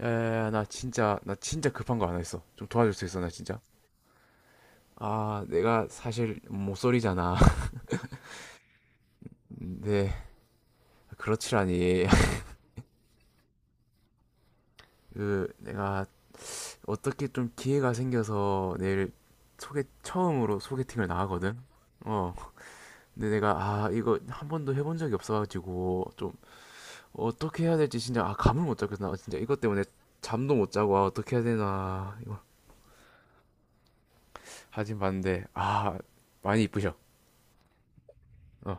야야야, 나 진짜, 나 진짜 급한 거 하나 있어. 좀 도와줄 수 있어? 나 진짜 내가 사실 모쏠이잖아. 네. 그렇지라니. 그 내가 어떻게 좀 기회가 생겨서 내일 소개 처음으로 소개팅을 나가거든. 어. 근데 내가 이거 한 번도 해본 적이 없어가지고 좀 어떻게 해야 될지 진짜, 감을 못 잡겠어. 나 진짜 이것 때문에 잠도 못 자고, 어떻게 해야 되나 이거. 하진 봤는데 많이 이쁘셔. 어.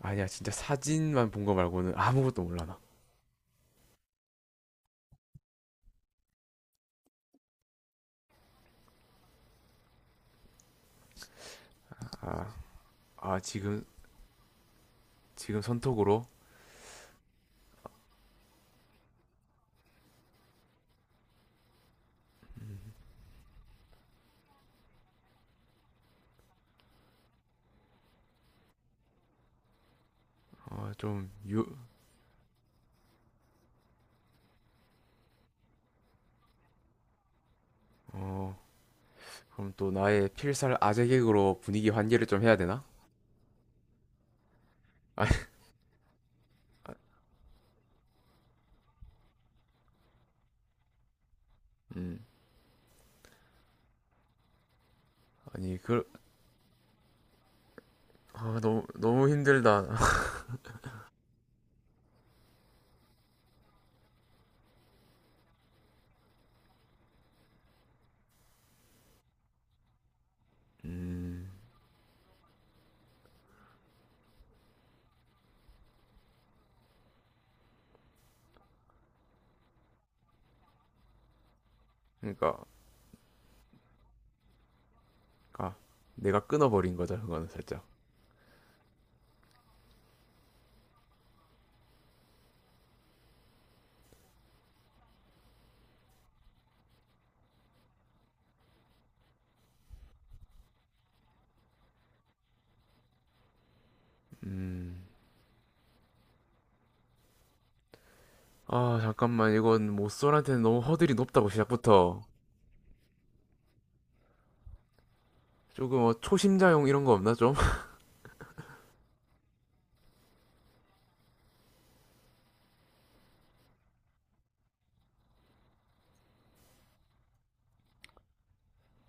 아니야, 진짜 사진만 본거 말고는 아무것도 몰라. 나아 지금, 지금 선톡으로. 어좀유어 그럼 또 나의 필살 아재객으로 분위기 환기를 좀 해야 되나? 아니. 음 아니 그아 너무 너무 힘들다. 음 그러니까 아 내가 끊어버린 거죠. 그거는 살짝. 음아 잠깐만, 이건 모쏠한테는 너무 허들이 높다고, 시작부터. 조금 초심자용 이런 거 없나 좀?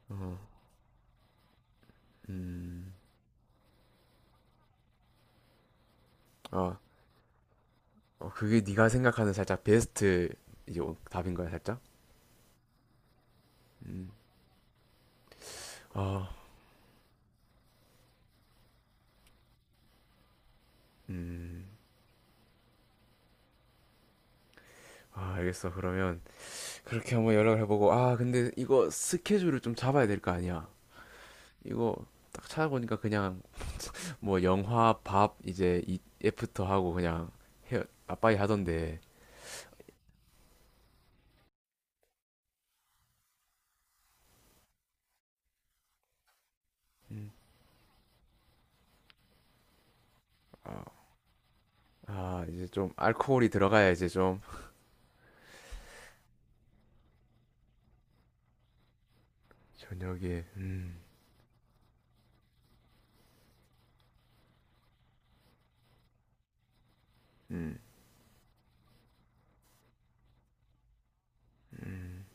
어, 음, 아 그게 네가 생각하는 살짝 베스트, 이제 답인 거야 살짝? 음. 아. 음. 아, 알겠어. 그러면 그렇게 한번 연락을 해보고, 아 근데 이거 스케줄을 좀 잡아야 될 거 아니야. 이거 딱 찾아보니까 그냥 뭐 영화, 밥, 이제 이 애프터 하고 그냥 헤어 빠빠이 하던데. 음. 아, 아 이제 좀 알코올이 들어가야 이제 좀. 저녁에. 음. 음. 음.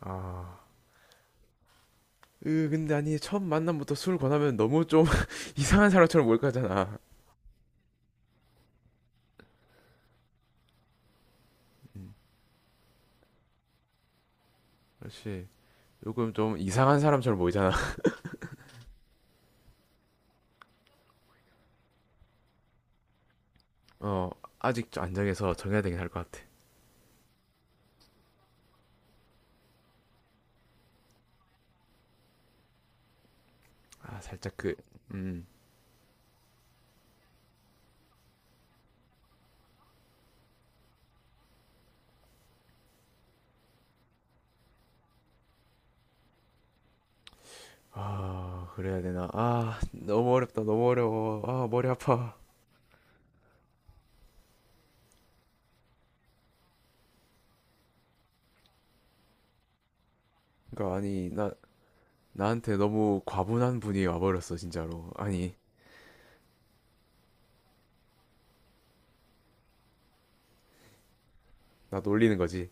아. 으 근데 아니 처음 만남부터 술 권하면 너무 좀 이상한 사람처럼 몰까잖아. 음, 그렇지. 요금 좀 이상한 사람처럼 보이잖아. 어. 아직 좀 안정해서 정해야 되긴 할 것 같아. 살짝 그. 음. 아 그래야 되나? 아 너무 어렵다. 너무 어려워. 아 머리 아파. 그니까 아니, 나, 나한테 너무 과분한 분이 와버렸어 진짜로. 아니, 나 놀리는 거지.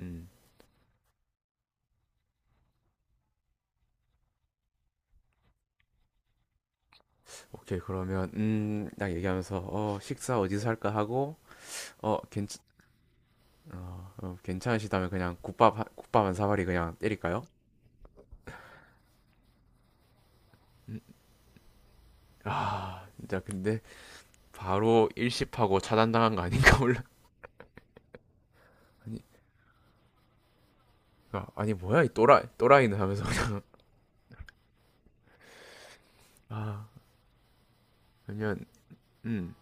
음. 오케이. 그러면 음딱 얘기하면서 어 식사 어디서 할까 하고. 어 괜찮. 어, 괜찮으시다면 그냥 국밥 한 사발이 그냥 때릴까요? 아 진짜 근데 바로 일십하고 차단당한 거 아닌가 몰라. 아니, 아, 아니 뭐야 이 또라이, 또라이는 하면서 그냥. 아, 그러면 음.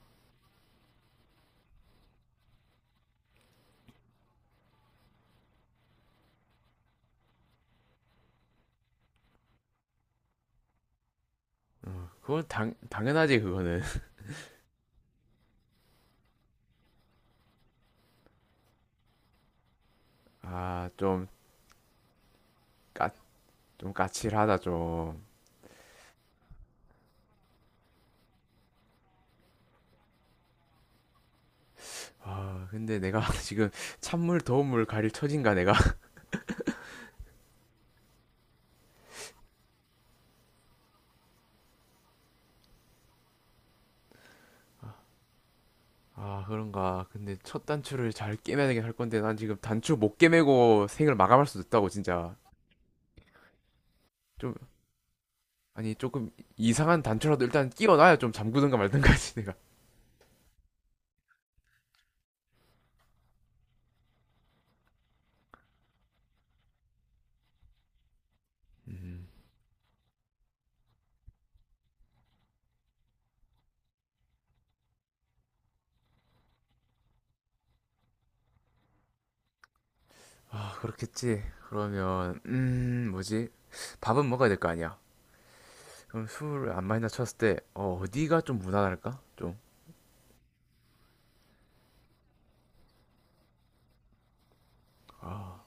그건 당 당연하지 그거는. 아좀까좀 까칠하다 좀. 아 근데 내가 지금 찬물 더운 물 가릴 처진가 내가. 아 그런가. 근데 첫 단추를 잘 깨매야 되할 건데, 난 지금 단추 못 깨매고 생을 마감할 수도 있다고 진짜. 좀, 아니 조금 이상한 단추라도 일단 끼워놔야 좀 잠그든가 말든가지 내가. 음. 아 그렇겠지. 그러면 뭐지? 밥은 먹어야 될 거 아니야. 그럼 술을 안 마신다 쳤을 때 어, 어디가 좀 무난할까 좀? 아.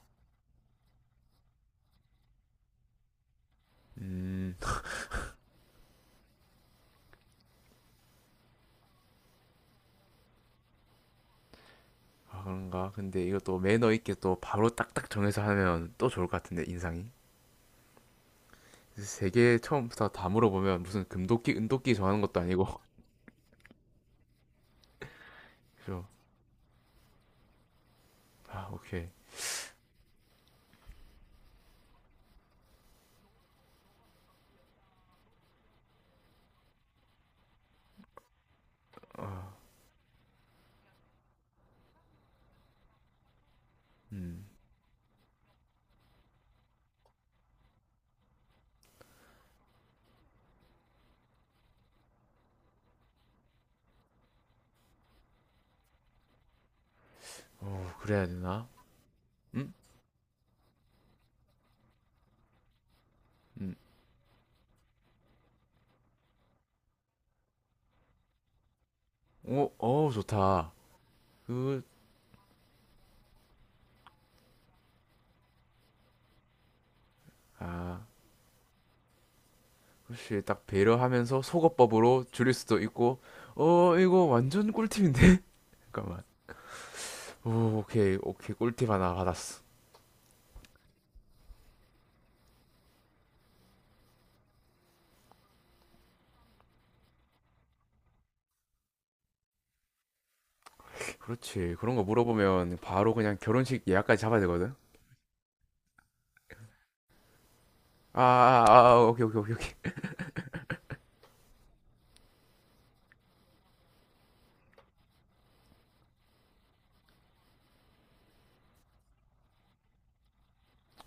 음. 아 그런가? 근데 이것도 매너 있게 또 바로 딱딱 정해서 하면 또 좋을 것 같은데 인상이. 세 개 처음부터 다 물어보면 무슨 금도끼 은도끼 정하는 것도 아니고. 그죠? 아 오케이. 아. 음. 어 그래야 되나? 응? 음. 오, 어, 좋다. 그. 아, 그렇지. 딱 배려하면서 속어법으로 줄일 수도 있고. 어, 이거 완전 꿀팁인데? 잠깐만. 오, 오케이, 오케이. 꿀팁 하나 받았어. 그렇지. 그런 거 물어보면 바로 그냥 결혼식 예약까지 잡아야 되거든? 아, 아, 아, 아, 오케이, 오케이, 오케이, 오케이.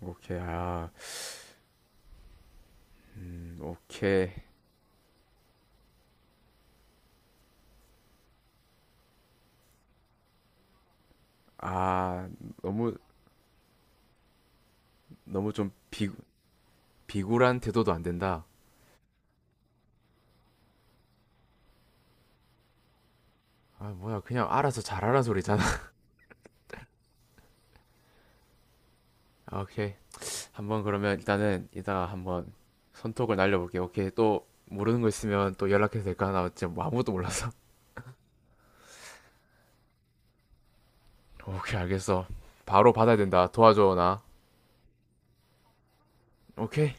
오케이, 아, 오케이. 아, 너무, 너무 좀 비, 비굴한 태도도 안 된다. 아 뭐야, 그냥 알아서 잘하라 소리잖아. 아, 오케이. 한번 그러면 일단은 이따가 한번 손톱을 날려볼게. 오케이. 또 모르는 거 있으면 또 연락해도 될까? 나 지금 뭐 아무것도 몰라서. 오케이, 알겠어. 바로 받아야 된다. 도와줘, 나. 오케이.